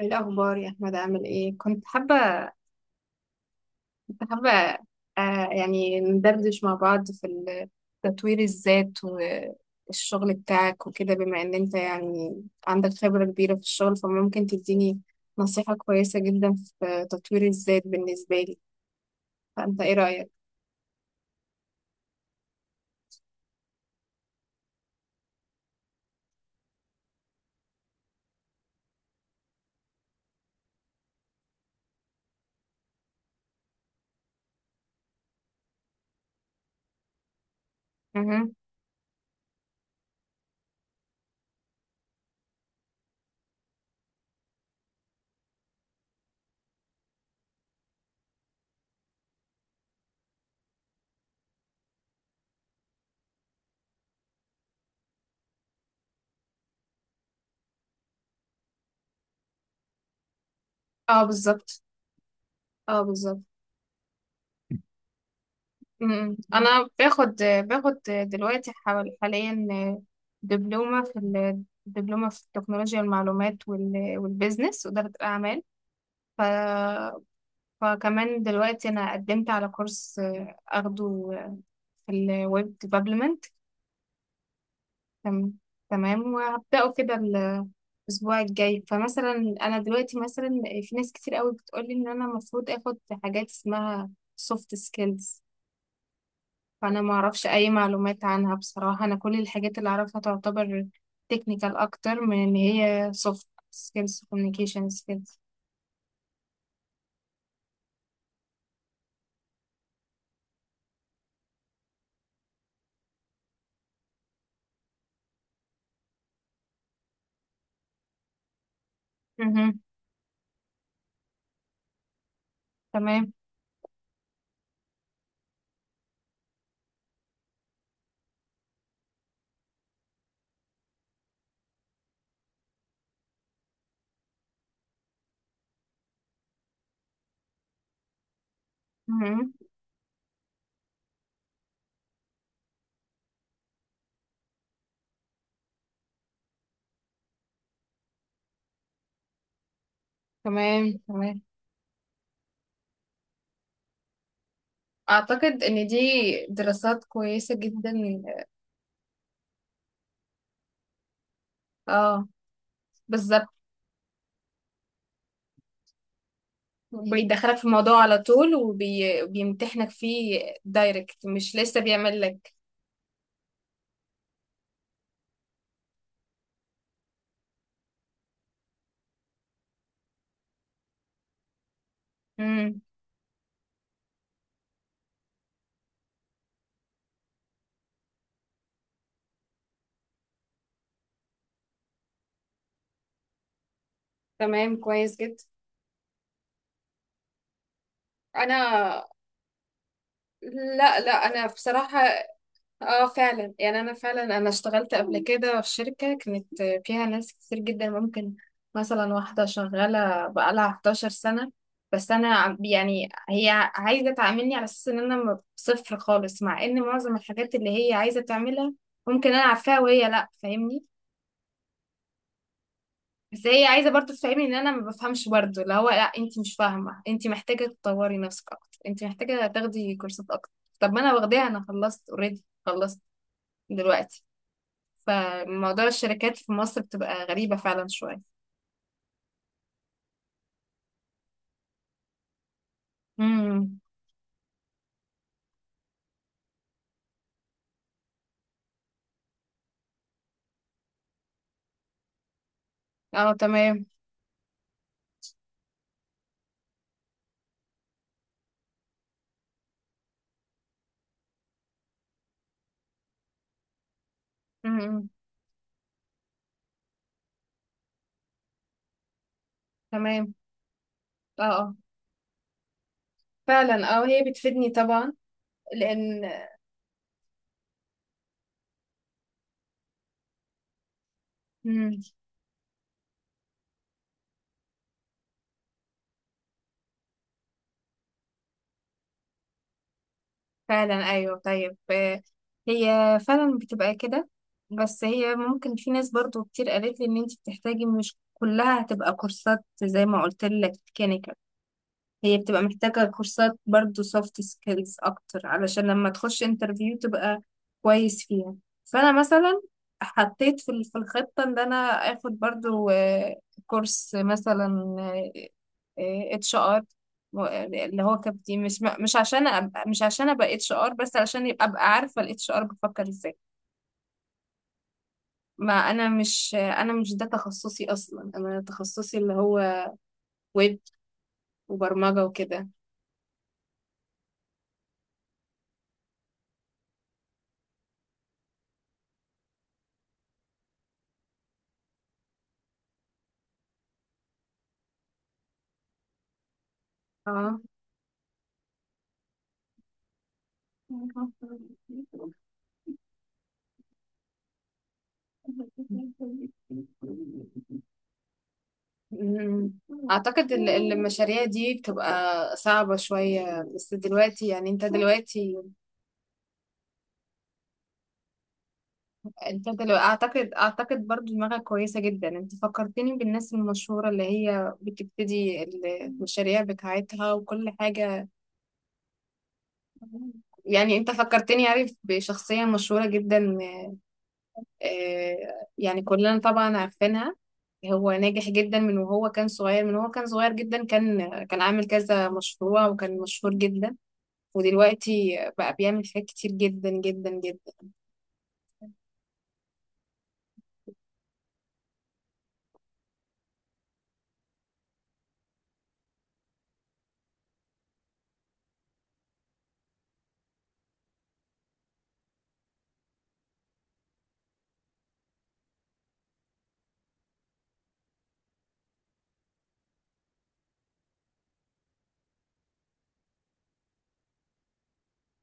ايه الاخبار يا احمد؟ عامل ايه؟ كنت حابه يعني ندردش مع بعض تطوير الذات والشغل بتاعك وكده. بما ان انت يعني عندك خبره كبيره في الشغل، فممكن تديني نصيحه كويسه جدا في تطوير الذات بالنسبه لي. فانت ايه رايك؟ مهم. اه بالظبط. اه بالظبط. مم. انا باخد دلوقتي حوالي حاليا دبلومه في التكنولوجيا والمعلومات والبيزنس واداره الاعمال. ف... فكمان دلوقتي انا قدمت على كورس اخده في الويب ديفلوبمنت. تم... تمام، وهبداه كده الاسبوع الجاي. فمثلا انا دلوقتي، مثلا، في ناس كتير قوي بتقولي ان انا المفروض اخد حاجات اسمها سوفت سكيلز. فانا ما اعرفش اي معلومات عنها بصراحه. انا كل الحاجات اللي اعرفها تعتبر تكنيكال اكتر من ان هي سوفت سكيلز، كوميونيكيشن سكيلز. تمام. مهم. تمام، تمام. اعتقد ان دي دراسات كويسه جدا. اه بالظبط. بيدخلك في الموضوع على طول وبيمتحنك فيه دايركت، مش لسه بيعمل لك. مم. تمام، كويس جدا. انا لا لا، انا بصراحة اه فعلا يعني، انا اشتغلت قبل كده في شركة كانت فيها ناس كتير جدا. ممكن مثلا واحدة شغالة بقالها 11 سنة، بس انا يعني هي عايزة تعاملني على اساس ان انا صفر خالص، مع ان معظم الحاجات اللي هي عايزة تعملها ممكن انا عارفاها، وهي لا فاهمني. بس هي عايزة برضو تفهمني ان انا ما بفهمش، برضو اللي هو لا، انت مش فاهمة، انت محتاجة تطوري نفسك اكتر، انت محتاجة تاخدي كورسات اكتر. طب ما انا واخداها، انا خلصت اوريدي، خلصت دلوقتي. فموضوع الشركات في مصر بتبقى غريبة فعلا شوية. امم. اه تمام. امم. تمام. اه اه. فعلا اه، هي بتفيدني طبعا. لان امم، فعلا ايوه. طيب هي فعلا بتبقى كده. بس هي ممكن، في ناس برضو كتير قالت لي ان انت بتحتاجي مش كلها هتبقى كورسات زي ما قلت لك. هي بتبقى محتاجة كورسات برضو soft skills أكتر، علشان لما تخش انترفيو تبقى كويس فيها. فأنا مثلا حطيت في الخطة إن أنا آخد برضو، كورس مثلا HR، اللي هو كابتن. مش عشان أبقى مش عشان ابقى HR، بس علشان ابقى عارفه الHR بفكر ازاي. ما انا مش انا مش ده تخصصي اصلا. انا تخصصي اللي هو ويب وبرمجه وكده. اه. مم. أعتقد المشاريع دي بتبقى صعبة شوية، بس دلوقتي يعني، أنت دلوقتي أعتقد برضو دماغك كويسة جدا. أنت فكرتني بالناس المشهورة اللي هي بتبتدي المشاريع بتاعتها وكل حاجة. يعني أنت فكرتني، عارف، بشخصية مشهورة جدا. آه، يعني كلنا طبعا عارفينها. هو ناجح جدا من وهو كان صغير، من وهو كان صغير جدا. كان عامل كذا مشروع وكان مشهور جدا. ودلوقتي بقى بيعمل حاجات كتير جدا جدا جدا.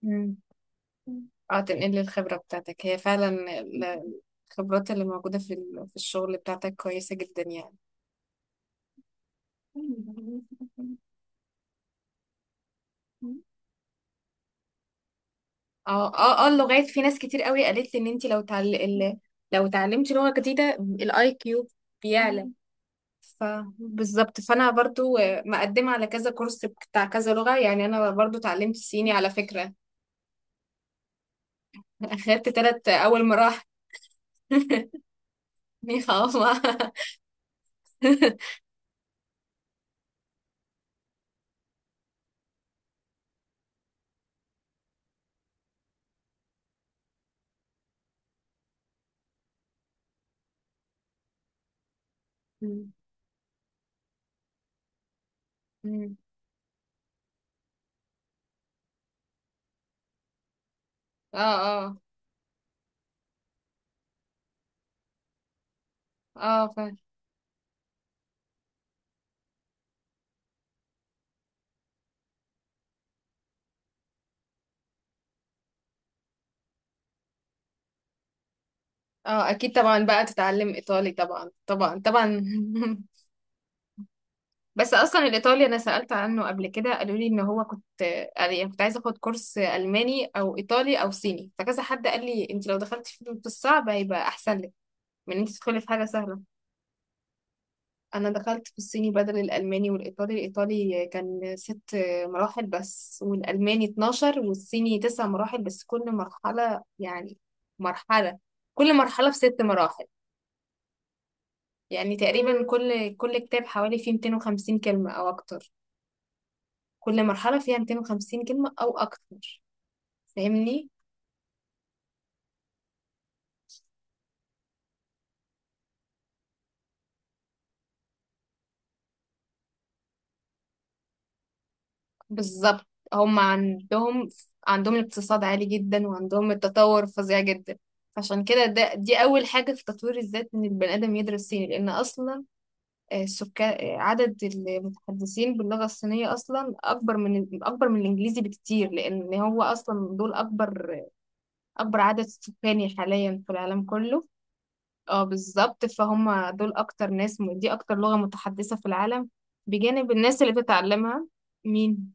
مم. اه، تنقل الخبرة بتاعتك. هي فعلا ال- الخبرات اللي موجودة في الشغل بتاعتك كويسة جدا يعني. اه اه اه، اللغات. في ناس كتير قوي قالت لي ان انت لو اتعلمتي لغة جديدة الاي كيو بيعلى. ف بالظبط. فانا برضو مقدمة على كذا كورس بتاع كذا لغة. يعني انا برضو اتعلمت صيني على فكرة. اخدت تلت اول مراحل. نيخاوما. مم. مم. اه اه اه، فاهم. اه اكيد طبعا، بقى تتعلم ايطالي، طبعا طبعا طبعا. بس اصلا الايطالي انا سألت عنه قبل كده، قالوا لي ان هو كنت، يعني كنت عايزه اخد كورس الماني او ايطالي او صيني. فكذا حد قال لي انت لو دخلتي في الصعب هيبقى احسن لك من ان انت تدخلي في حاجه سهله. انا دخلت في الصيني بدل الالماني الايطالي كان ست مراحل بس، والالماني 12، والصيني تسع مراحل بس. كل مرحله يعني مرحله كل مرحله بست مراحل. يعني تقريبا كل كتاب حوالي فيه 250 كلمه او اكتر. كل مرحله فيها 250 كلمه او اكتر. فاهمني. بالظبط. هم عندهم الاقتصاد عالي جدا، وعندهم التطور فظيع جدا. عشان كده دي أول حاجة في تطوير الذات، إن البني آدم يدرس صيني. لأن أصلا السكان، عدد المتحدثين باللغة الصينية أصلا أكبر من الإنجليزي بكتير، لأن هو أصلا دول أكبر عدد سكاني حاليا في العالم كله. اه بالظبط. فهم دول أكتر ناس، دي أكتر لغة متحدثة في العالم بجانب الناس اللي بتتعلمها. مين؟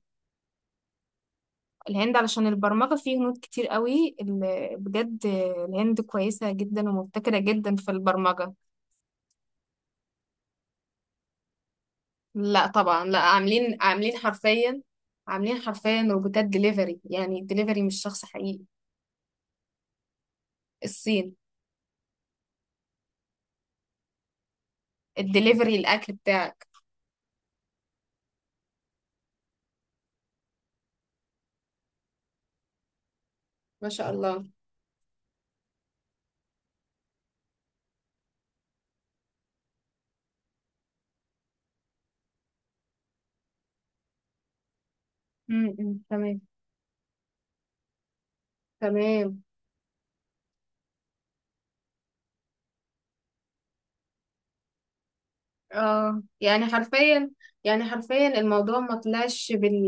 الهند، علشان البرمجة فيه هنود كتير قوي بجد. الهند كويسة جدا ومبتكرة جدا في البرمجة. لا طبعا، لا، عاملين حرفيا، عاملين حرفيا روبوتات دليفري. يعني الدليفري مش شخص حقيقي. الصين. الدليفري الأكل بتاعك. ما شاء الله. امم، تمام. تمام. اه، يعني حرفيا الموضوع ما طلعش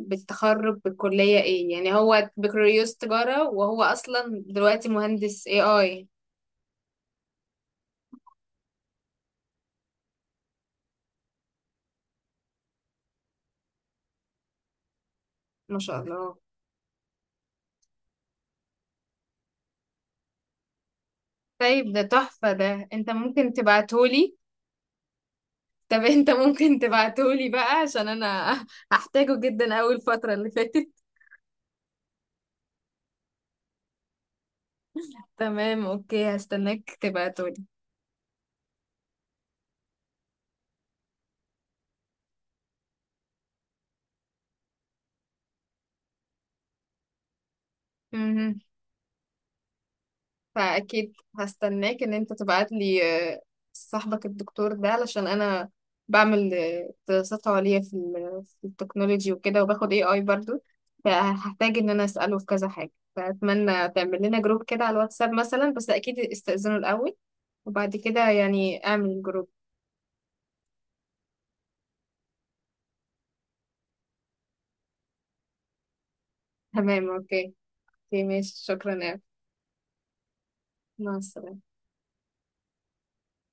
بالتخرج، بالكلية. ايه يعني، هو بكالوريوس تجارة وهو اصلا دلوقتي مهندس AI. ما شاء الله. طيب ده تحفة، ده انت ممكن تبعتهولي؟ طب انت ممكن تبعتهولي بقى، عشان انا هحتاجه جدا اول فترة اللي فاتت. تمام اوكي، هستناك تبعتهولي. مهم. فاكيد هستناك ان انت تبعتلي. آه، صاحبك الدكتور ده، علشان انا بعمل دراسات عليا في التكنولوجي وكده، وباخد AI برضو. فهحتاج ان انا اسأله في كذا حاجة. فأتمنى تعمل لنا جروب كده على الواتساب مثلا، بس أكيد استأذنه الأول وبعد كده يعني اعمل جروب. تمام، اوكي. اوكي ماشي، شكرا يا. مع السلامة.